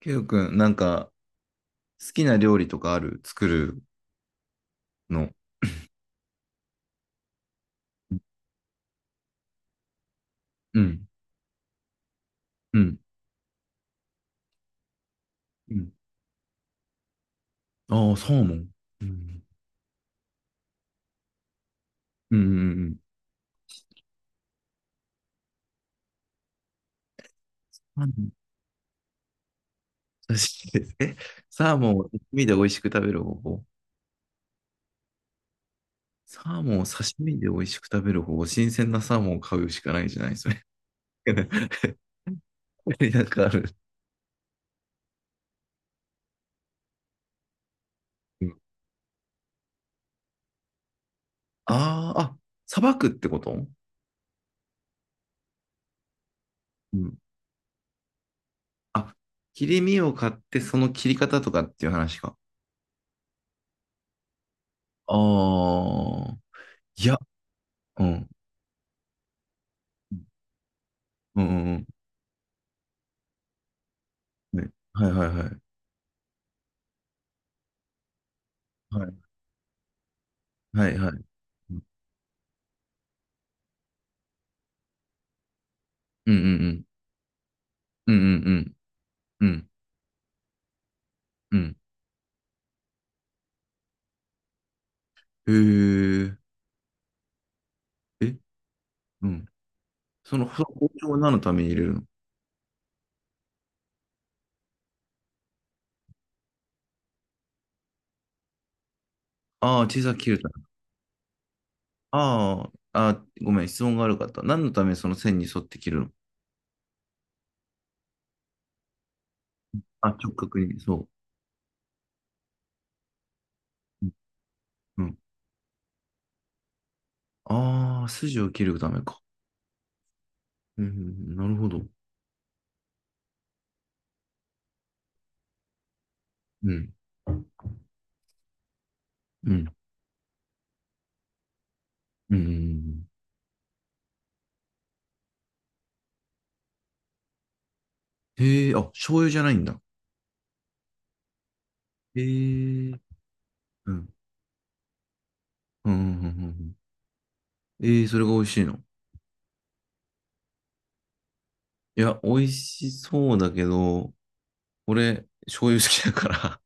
ケイオくん、なんか、好きな料理とかある？作るの？うん、うん、うん。ああ、サーモン。うん、うんうんうん。サーモン刺身です。え、サーモンを刺身で美味しく食べる方法。サーモンを刺身で美味しく食べる方法。新鮮なサーモンを買うしかないじゃない、それ。なんかある？うん。あーあ、さばくってこと？うん。あ、切り身を買って、その切り方とかっていう話か。ああ、いや、うん。うんうん。はい。はいはいはい。はい。はいはいはい。うんうんうん。うんうんうん。うんうん。へえ。え、うん。その包丁は何のために入れるの？ああー、小さく切るため。あーあー、あ、ごめん、質問が悪かった。何のため、その線に沿って切るの？あ、直角に、そう。うん。ああ、筋を切るためか。うん、なるほど。うん。うん。うんうんうん。へえ、あ、醤油じゃないんだ。へえ。うん。うんうんうんうん。ええ、それが美味しいの？いや、美味しそうだけど、俺、醤油好きだから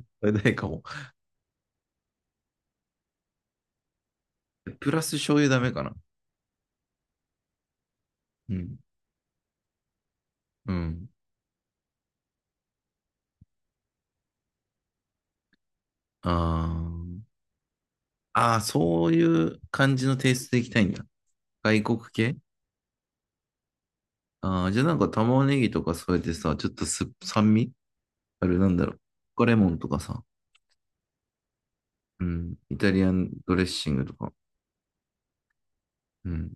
食べないかも。プラス醤油ダメかな。うん。うん。あーあー、そういう感じのテイストでいきたいんだ。外国系？ああー、じゃあなんか玉ねぎとか添えてさ、ちょっと酸味ある、なんだろう。レモンとかさ。うん。イタリアンドレッシングとか。うん。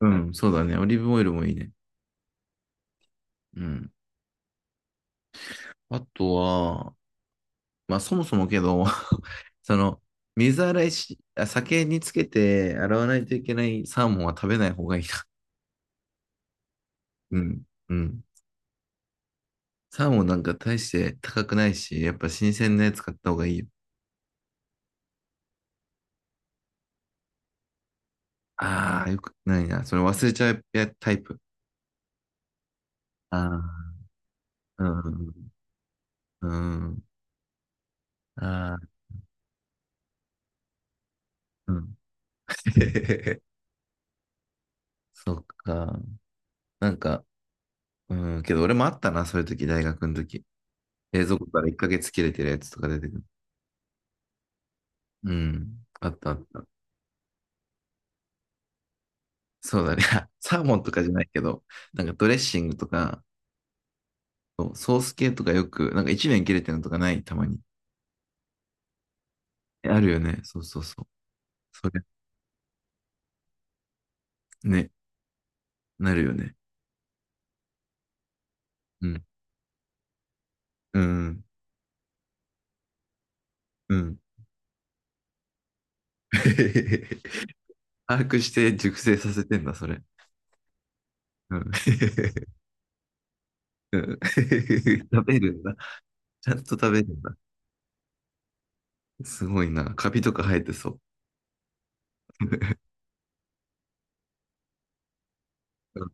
うん、そうだね。オリーブオイルもいいね。うん。あとは、まあそもそもけど、その、水洗いし、あ酒につけて洗わないといけないサーモンは食べない方がいいな。うん、うん。サーモンなんか大して高くないし、やっぱ新鮮なやつ買った方がいいよ。ああ、よくないな。それ忘れちゃうやタイプ。ああ、うん、うん、ああ、うん。そっか。なんか、うん、けど俺もあったな、そういう時、大学の時。冷蔵庫から1ヶ月切れてるやつとか出てくる。うん、あったあった。そうだね。サーモンとかじゃないけど、なんかドレッシングとか、そうソース系とかよく、なんか一年切れてるのとかない？たまに。え、あるよね。そうそうそう。それ、ね、なるよね。うん。うん。うん。把握して熟成させてんだ、それ。うん。うん 食べるんだ。ちゃんと食べるんだ。すごいな。カビとか生えてそう。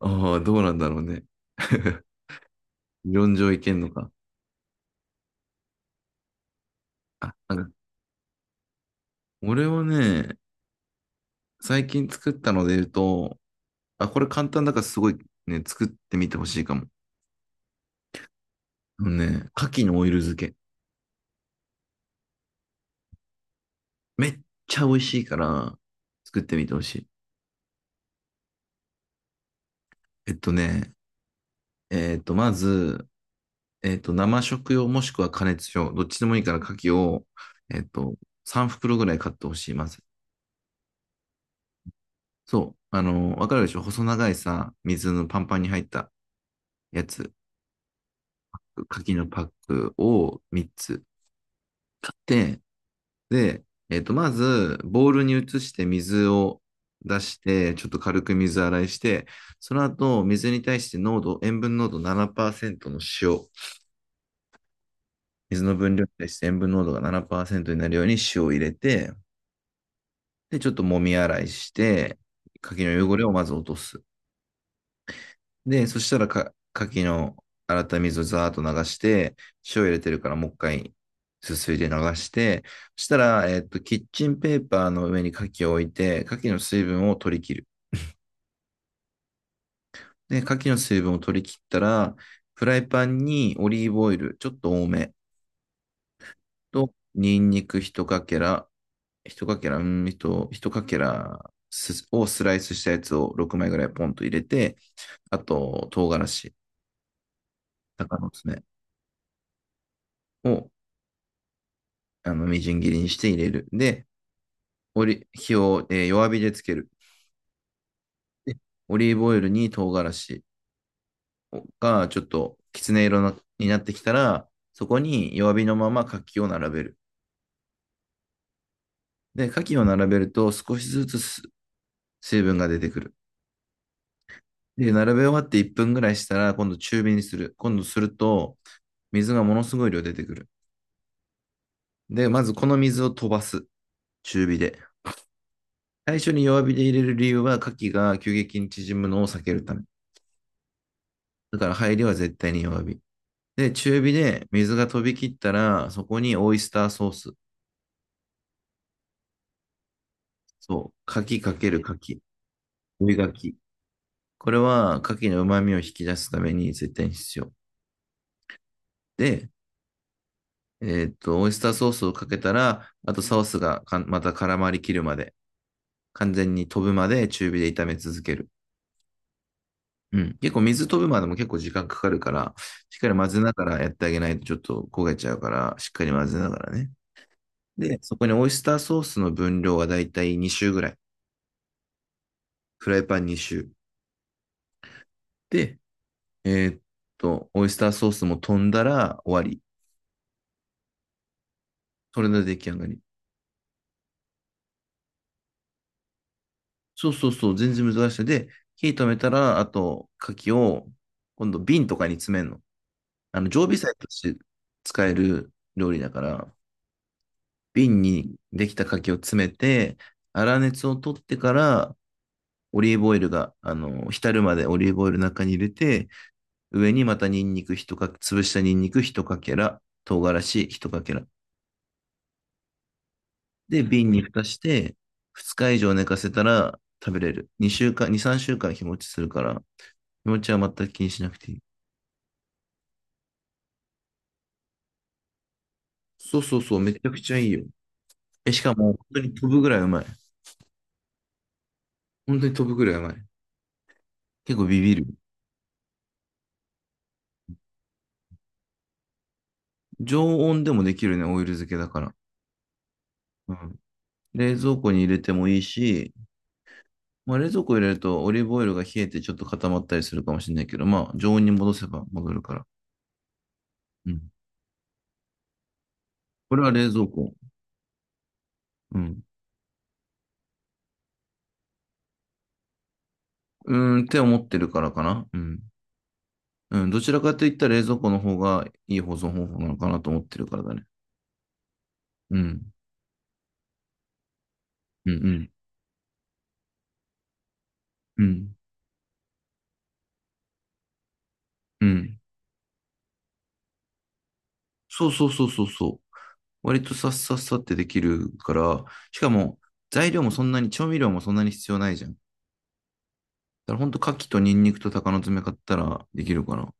ああー、どうなんだろうね。理論上いけんのか。あ、なんか、俺はね、最近作ったので言うと、あ、これ簡単だからすごいね、作ってみてほしいかも。あのね、牡蠣のオイル漬け。めっちゃ美味しいから、作ってみてほしい。えっとね、えっと、まず、生食用もしくは加熱用、どっちでもいいから牡蠣を、えっと、3袋ぐらい買ってほしい、まず。そう、わかるでしょ細長いさ、水のパンパンに入ったやつ、牡蠣のパックを3つ。で、で、まず、ボウルに移して水を出して、ちょっと軽く水洗いして、その後、水に対して濃度、塩分濃度7%の塩、水の分量に対して塩分濃度が7%になるように塩を入れて、で、ちょっと揉み洗いして、柿の汚れをまず落とす。で、そしたらか、牡蠣の洗った水をザーッと流して、塩入れてるからもう一回すすいで流して、そしたら、キッチンペーパーの上に牡蠣を置いて、牡蠣の水分を取り切る。で、牡蠣の水分を取り切ったら、フライパンにオリーブオイル、ちょっと多めと、ニンニク一かけら、一かけら、うん、一かけらをスライスしたやつを6枚ぐらいポンと入れて、あと、唐辛子、鷹の爪を、みじん切りにして入れる。で、火を、弱火でつける。で、オリーブオイルに唐辛子がちょっときつね色なになってきたら、そこに弱火のまま牡蠣を並べる。で、牡蠣を並べると少しずつ水分が出てくる。で、並べ終わって1分ぐらいしたら、今度中火にする。今度すると、水がものすごい量出てくる。で、まずこの水を飛ばす。中火で。最初に弱火で入れる理由は、牡蠣が急激に縮むのを避けるため。だから入りは絶対に弱火。で、中火で水が飛び切ったら、そこにオイスターソース。そう。牡蠣かける牡蠣。追い牡これは牡蠣の旨味を引き出すために絶対に必要。で、オイスターソースをかけたら、あとソースがまた絡まりきるまで、完全に飛ぶまで中火で炒め続ける。うん。結構水飛ぶまでも結構時間かかるから、しっかり混ぜながらやってあげないとちょっと焦げちゃうから、しっかり混ぜながらね。で、そこにオイスターソースの分量はだいたい2周ぐらい。フライパン2周。で、えーっオイスターソースも飛んだら終わり。それで出来上がり。そうそうそう、全然難しい。で、火止めたら、あと、牡蠣を、今度瓶とかに詰めるの。常備菜として使える料理だから、瓶にできた牡蠣を詰めて、粗熱を取ってから、オリーブオイルが、浸るまでオリーブオイルの中に入れて、上にまたニンニク一かけ、潰したニンニク一かけら、唐辛子一かけら。で、瓶に蓋して、2日以上寝かせたら食べれる。2週間、2、3週間日持ちするから、日持ちは全く気にしなくていい。そうそうそう、めちゃくちゃいいよ。え、しかも、本当に飛ぶぐらいうまい。本当に飛ぶぐらいうまい。結構ビビる。常温でもできるね、オイル漬けだから。うん。冷蔵庫に入れてもいいし、まあ、冷蔵庫入れるとオリーブオイルが冷えてちょっと固まったりするかもしれないけど、まあ、常温に戻せば戻るから。うん。これは冷蔵庫。うん。うーんって思ってるからかな。うん。うん、どちらかといったら冷蔵庫の方がいい保存方法なのかなと思ってるからだね。うん。うん、うん、うん、うん。そうそうそうそうそう。割とさっさっさってできるから、しかも材料もそんなに、調味料もそんなに必要ないじゃん。だからほんと牡蠣とニンニクと鷹の爪買ったらできるかな。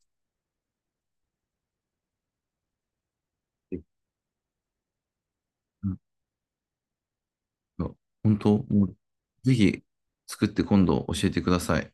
うん、本当、もうぜひ作って今度教えてください。